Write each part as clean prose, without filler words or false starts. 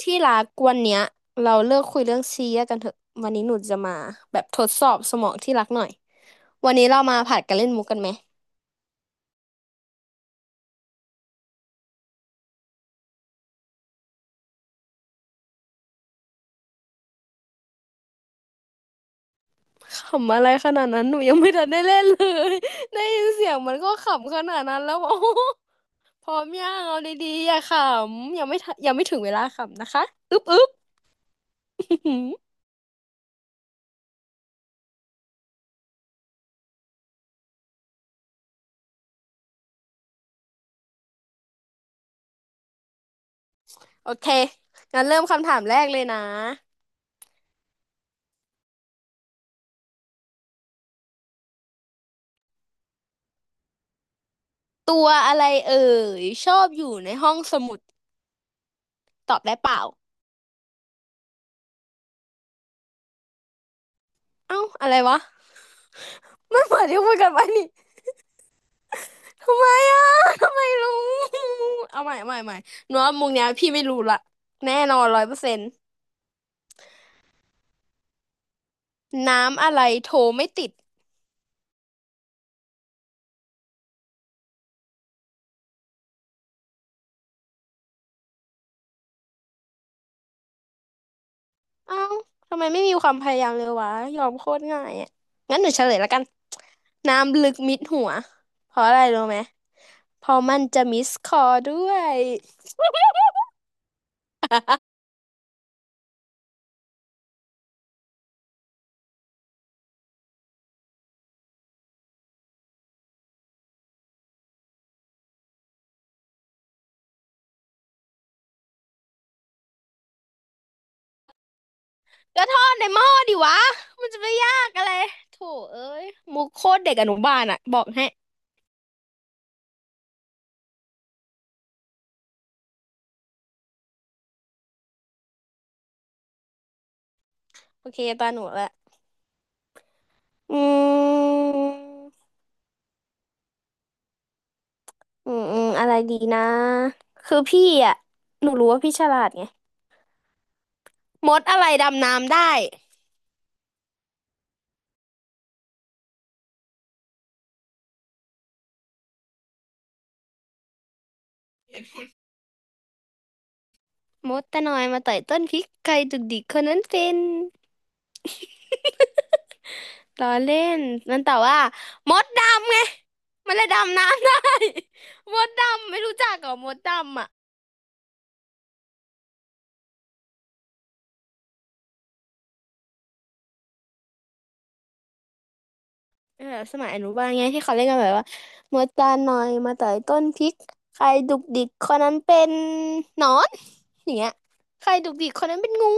ที่รักวันเนี้ยเราเลิกคุยเรื่องซีเรียสกันเถอะวันนี้หนูจะมาแบบทดสอบสมองที่รักหน่อยวันนี้เรามาผัดกันเล่นมุกกันไหมขำอะไรขนาดนั้นหนูยังไม่ทันได้เล่นเลย ได้ยินเสียงมันก็ขำขนาดนั้นแล้ว โอ้โหพร้อมยังเอาดีๆอย่าขำยังไม่ทันยังไม่ถึงเวลาขำนะคะอึ๊บอึ๊บ โอเคงั้นเริ่มคำถามแรกเลยนะตัวอะไรเอ่ยชอบอยู่ในห้องสมุดตอบได้เปล่า เอ้าอะไรวะมันเหมือนที่คุยกันไว้นี่ทำไมอ่ะทำไมรู้เอาใหม่เอาใหม่เอาใหม่หนูว่ามุกเนี้ยพี่ไม่รู้ละแน่นอนร้อยเปอร์เซ็นต์น้ำอะไรโทรไม่ติด เอ้าทำไมไม่มีความพยายามเลยวะยอมโคตรง่ายอ่ะงั้นหนูเฉลยละกันน้ำลึกมิดหัวเพราะอะไรรู้ไหมเพราะมันจะมิสคอลด้วยก็ทอดในหม้อดิวะมันจะไปยากอะไรโถเอ้ยมุกโคตรเด็กอนุบาลอ่ะบอกให้โอเคตาหนูละ อืมอืมอืมอะไรดีนะคือพี่อ่ะหนูรู้ว่าพี่ฉลาดไงมดอะไรดำน้ำได้มดตะนอยมาต่อยต้นพริกใครดุกดิกคนนั้นเป็น ล้อเล่นมันแต่ว่ามดดำไงมันเลยดำน้ำได้ มดดำไม่รู้จักเหรอมดดำอ่ะ เออสมัยอนุบาลไงที่เขาเล่นกันแบบว่ามาตาหน่อยมาต่อยต้นพริกใครดุกดิกคนนั้นเป็นหนอนอย่างเงี้ยใครดุกดิกคนนั้นเป็นงู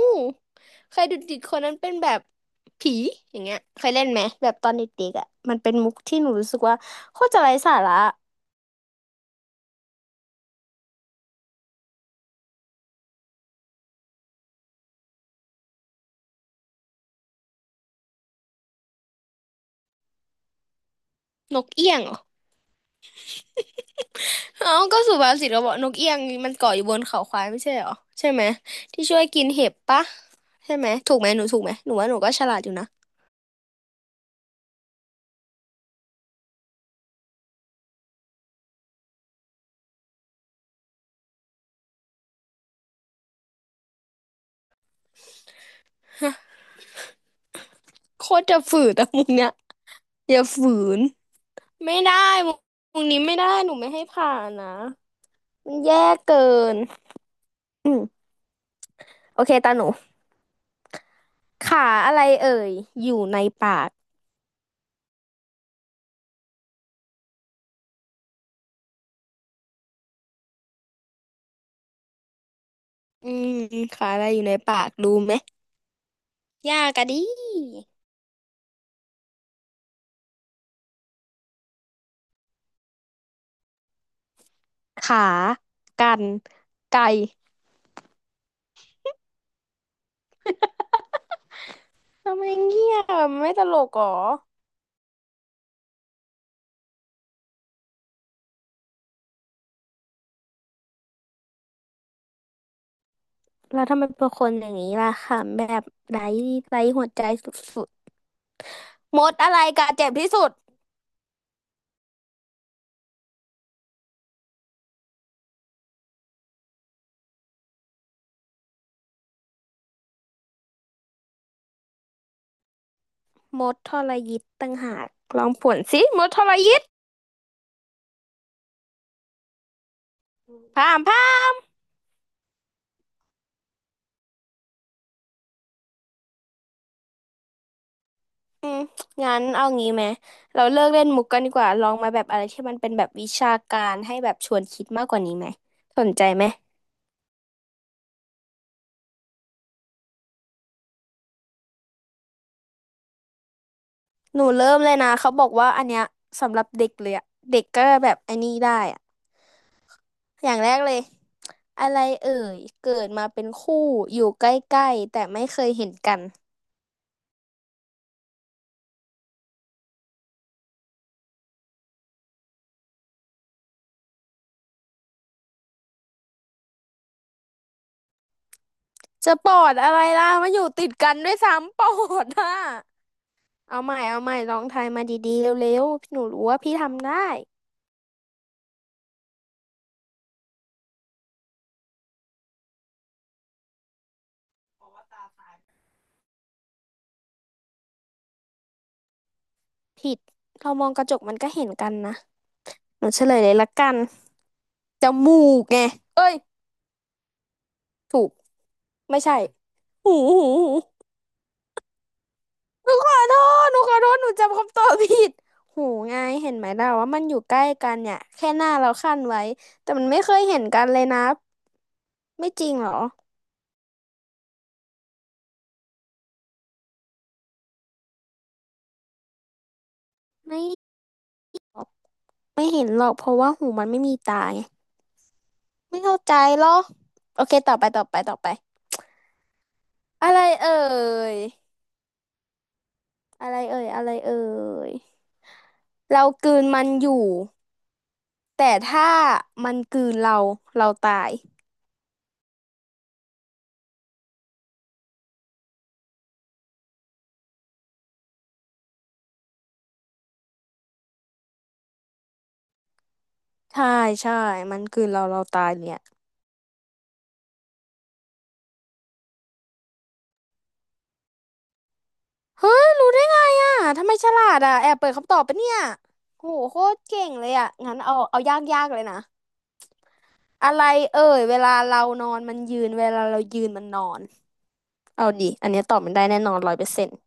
ใครดุกดิกคนนั้นเป็นแบบผีอย่างเงี้ยเคยเล่นไหมแบบตอนเด็กๆอ่ะมันเป็นมุกที่หนูรู้สึกว่าโคตรจะไร้สาระนกเอี้ยงเหรอเอ้าก็สุภาษิตเราบอกนกเอี้ยงมันเกาะอยู่บนเขาควายไม่ใช่เหรอใช่ไหมที่ช่วยกินเห็บปะใช่ไหมถูกไหมหนูถูกไหมหนูว่าหนูก็ฉลาดอยู่นะ โคตรจะฝืดอะมุกเนี้ย อย่าฝืน ไม่ได้วงวงนี้ไม่ได้หนูไม่ให้ผ่านนะมันแย่เกินอืมโอเคตาหนูขาอะไรเอ่ยอยู่ในปากอืมขาอะไรอยู่ในปากรู้ไหม ยากอะดิขา กันไก่ ทำไมเงียบอะไม่ตลกหรอแล้วทำไมเป็นคนอย่างนี้ล่ะค่ะแบบไร้ไร้หัวใจสุดๆมดอะไรกัดเจ็บที่สุดมดทรยิตต่างหากลองผวนสิมดทรยิตพ่ามพาม อืมงั้นเอางี้ไหมเราเลิกเล่นมุกกันดีกว่าลองมาแบบอะไรที่มันเป็นแบบวิชาการให้แบบชวนคิดมากกว่านี้ไหมสนใจไหมหนูเริ่มเลยนะเขาบอกว่าอันเนี้ยสำหรับเด็กเลยอะเด็กก็แบบอันนี้ได้อะอย่างแรกเลยอะไรเอ่ยเกิดมาเป็นคู่อยู่ใกล้ๆแต่ไม่เคยเห็นกันจะปอดอะไรล่ะมาอยู่ติดกันด้วยซ้ำปอดอะเอาใหม่เอาใหม่ลองทายมาดีๆเร็วๆหนูรู้ว่าพี่ทำได้ผิดเรามองกระจกมันก็เห็นกันนะ หนูเฉลยเลยละกันจมูกไงเอ้ยถูกไม่ใช่หูหูหูหนูขอโทษหนูขอโทษหนูจำคำตอบผิดหูไงเห็นไหมเราว่ามันอยู่ใกล้กันเนี่ยแค่หน้าเราคั่นไว้แต่มันไม่เคยเห็นกันเลยนะไม่จริงเหรอไม่หรอกไม่เห็นหรอกเพราะว่าหูมันไม่มีตาไงไม่เข้าใจหรอโอเคต่อไปต่อไปต่อไปอะไรเอ่ยอะไรเอ่ยอะไรเอ่ยเรากลืนมันอยู่ แต่ถ้ามันกลืนเรา เราตาย ใช่ใช่มันกลืนเราเราตายเนี่ย เฮ้ยรู้ได้ไงอ่ะทำไมฉลาดอ่ะแอบเปิดคำตอบปะเนี่ยโหโคตรเก่งเลยอ่ะงั้นเอาเอายากยากเลยนะ อะไรเอ่ยเวลาเรานอนมันยืนเวลาเรายืนมันนอน เอาดิอันเนี้ยตอบมันได้แน่นอนร้อยเปอร์เซ็นต์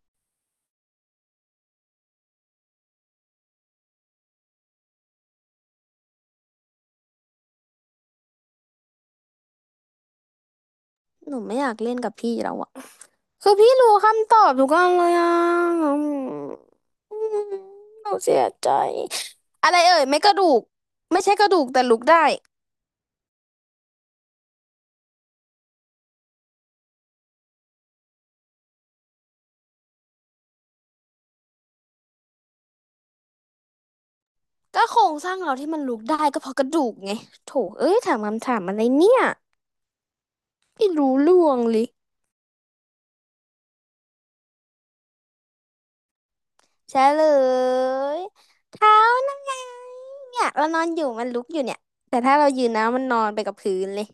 หนูไม่อยากเล่นกับพี่แล้วอ่ะคือพี่รู้คำตอบทุกอันเลยอ่ะอืมอืมหนูเสียใจ อะไรเอ่ยไม่กระดูกไม่ใช่กระดูกแต่ลุกได้ ก็โครงสร้างเราที่มันลุกได้ก็เพราะกระดูกไงโถเอ้ยถามคำถามอะไรเนี่ยไม่รู้ล่วงเลยใช่เลยเท้านั่นไงเนี่ยเรานอนอยู่มันลุกอยู่เนี่ยแต่ถ้าเรายืนนะมันนอนไปกับพื้นเลย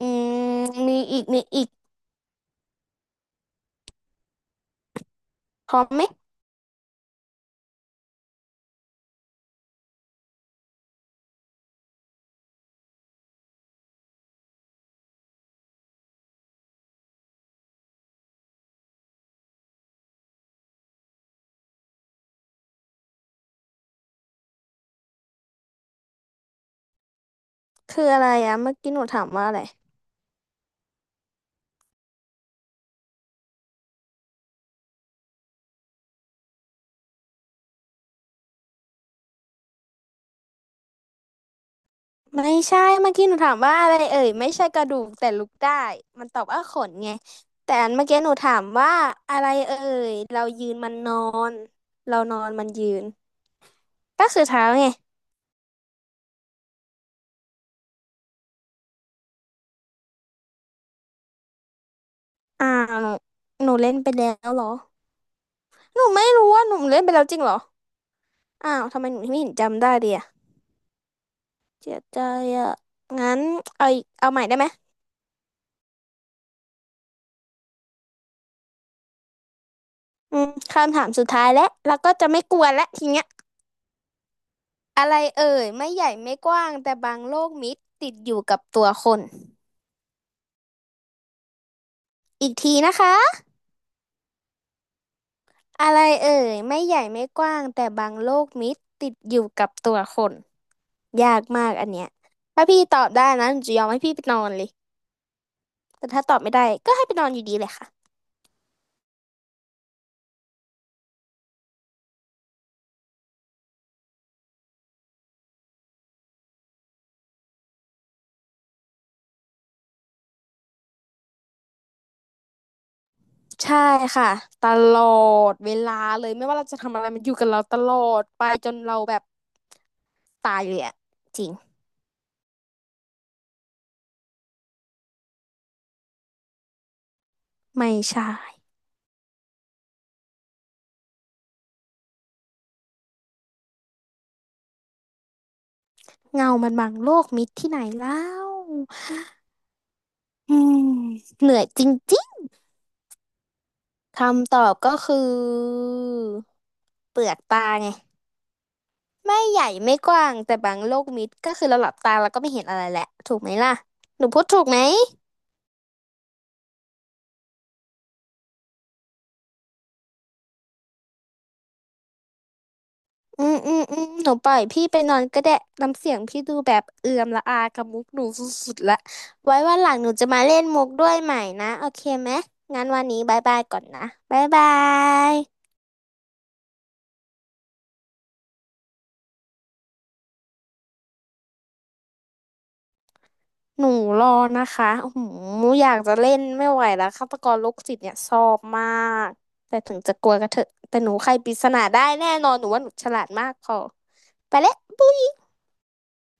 อืมมีอีกมีอีกพร้อมไหมคืออะไรอะเมื่อกี้หนูถามว่าอะไรไม่ใช่เมื่อกี้หนูถามว่าอะไรเอ่ยไม่ใช่กระดูกแต่ลุกได้มันตอบว่าขนไงแต่อันเมื่อกี้หนูถามว่าอะไรเอ่ยเรายืนมันนอนเรานอนมันยืน ก็คือเท้าไงอ้าวหนูเล่นไปแล้วเหรอหนูไม่รู้ว่าหนูเล่นไปแล้วจริงเหรออ้าวทำไมหนูไม่เห็นจำได้เลยอะเสียใจอะงั้นเอาอีกเอาใหม่ได้ไหมอืมคำถามสุดท้ายแล้วแล้วก็จะไม่กวนแลวทีเนี้ยอะไรเอ่ยไม่ใหญ่ไม่กว้างแต่บางโลกมิตรติดอยู่กับตัวคนอีกทีนะคะอะไรเอ่ยไม่ใหญ่ไม่กว้างแต่บางโลกมิตรติดอยู่กับตัวคนยากมากอันเนี้ยถ้าพี่ตอบได้นะหนูจะยอมให้พี่ไปนอนเลย แต่ถ้าตอบไม่ได้ก็ให้ไปนอนอยู่ดีเลยค่ะใช่ค่ะตลอดเวลาเลยไม่ว่าเราจะทำอะไรมันอยู่กับเราตลอดไปจนเราแบบตายเลยอะจริงไม่ใช่เงามันบังโลกมิดที่ไหนแล้วอืมเหนื่อยจริงๆคำตอบก็คือเปลือกตาไงไม่ใหญ่ไม่กว้างแต่บางโลกมิดก็คือเราหลับตาเราก็ไม่เห็นอะไรแหละถูกไหมล่ะหนูพูดถูกไหม อืมอืมอืมหนูปล่อยพี่ไปนอนก็ได้น้ำเสียงพี่ดูแบบเอื่อมละอากับมุกหนูสุดๆละไว้วันหลังหนูจะมาเล่นมุกด้วยใหม่นะโอเคไหมงั้นวันนี้บายบายก่อนนะบายบายหนูรอนะคะโอ้โหอยากจะเล่นไม่ไหวแล้วฆาตกรโรคจิตเนี่ยชอบมากแต่ถึงจะกลัวก็เถอะแต่หนูไขปริศนาได้แน่นอนหนูว่าหนูฉลาดมากพอไปแล้วปุ๊ย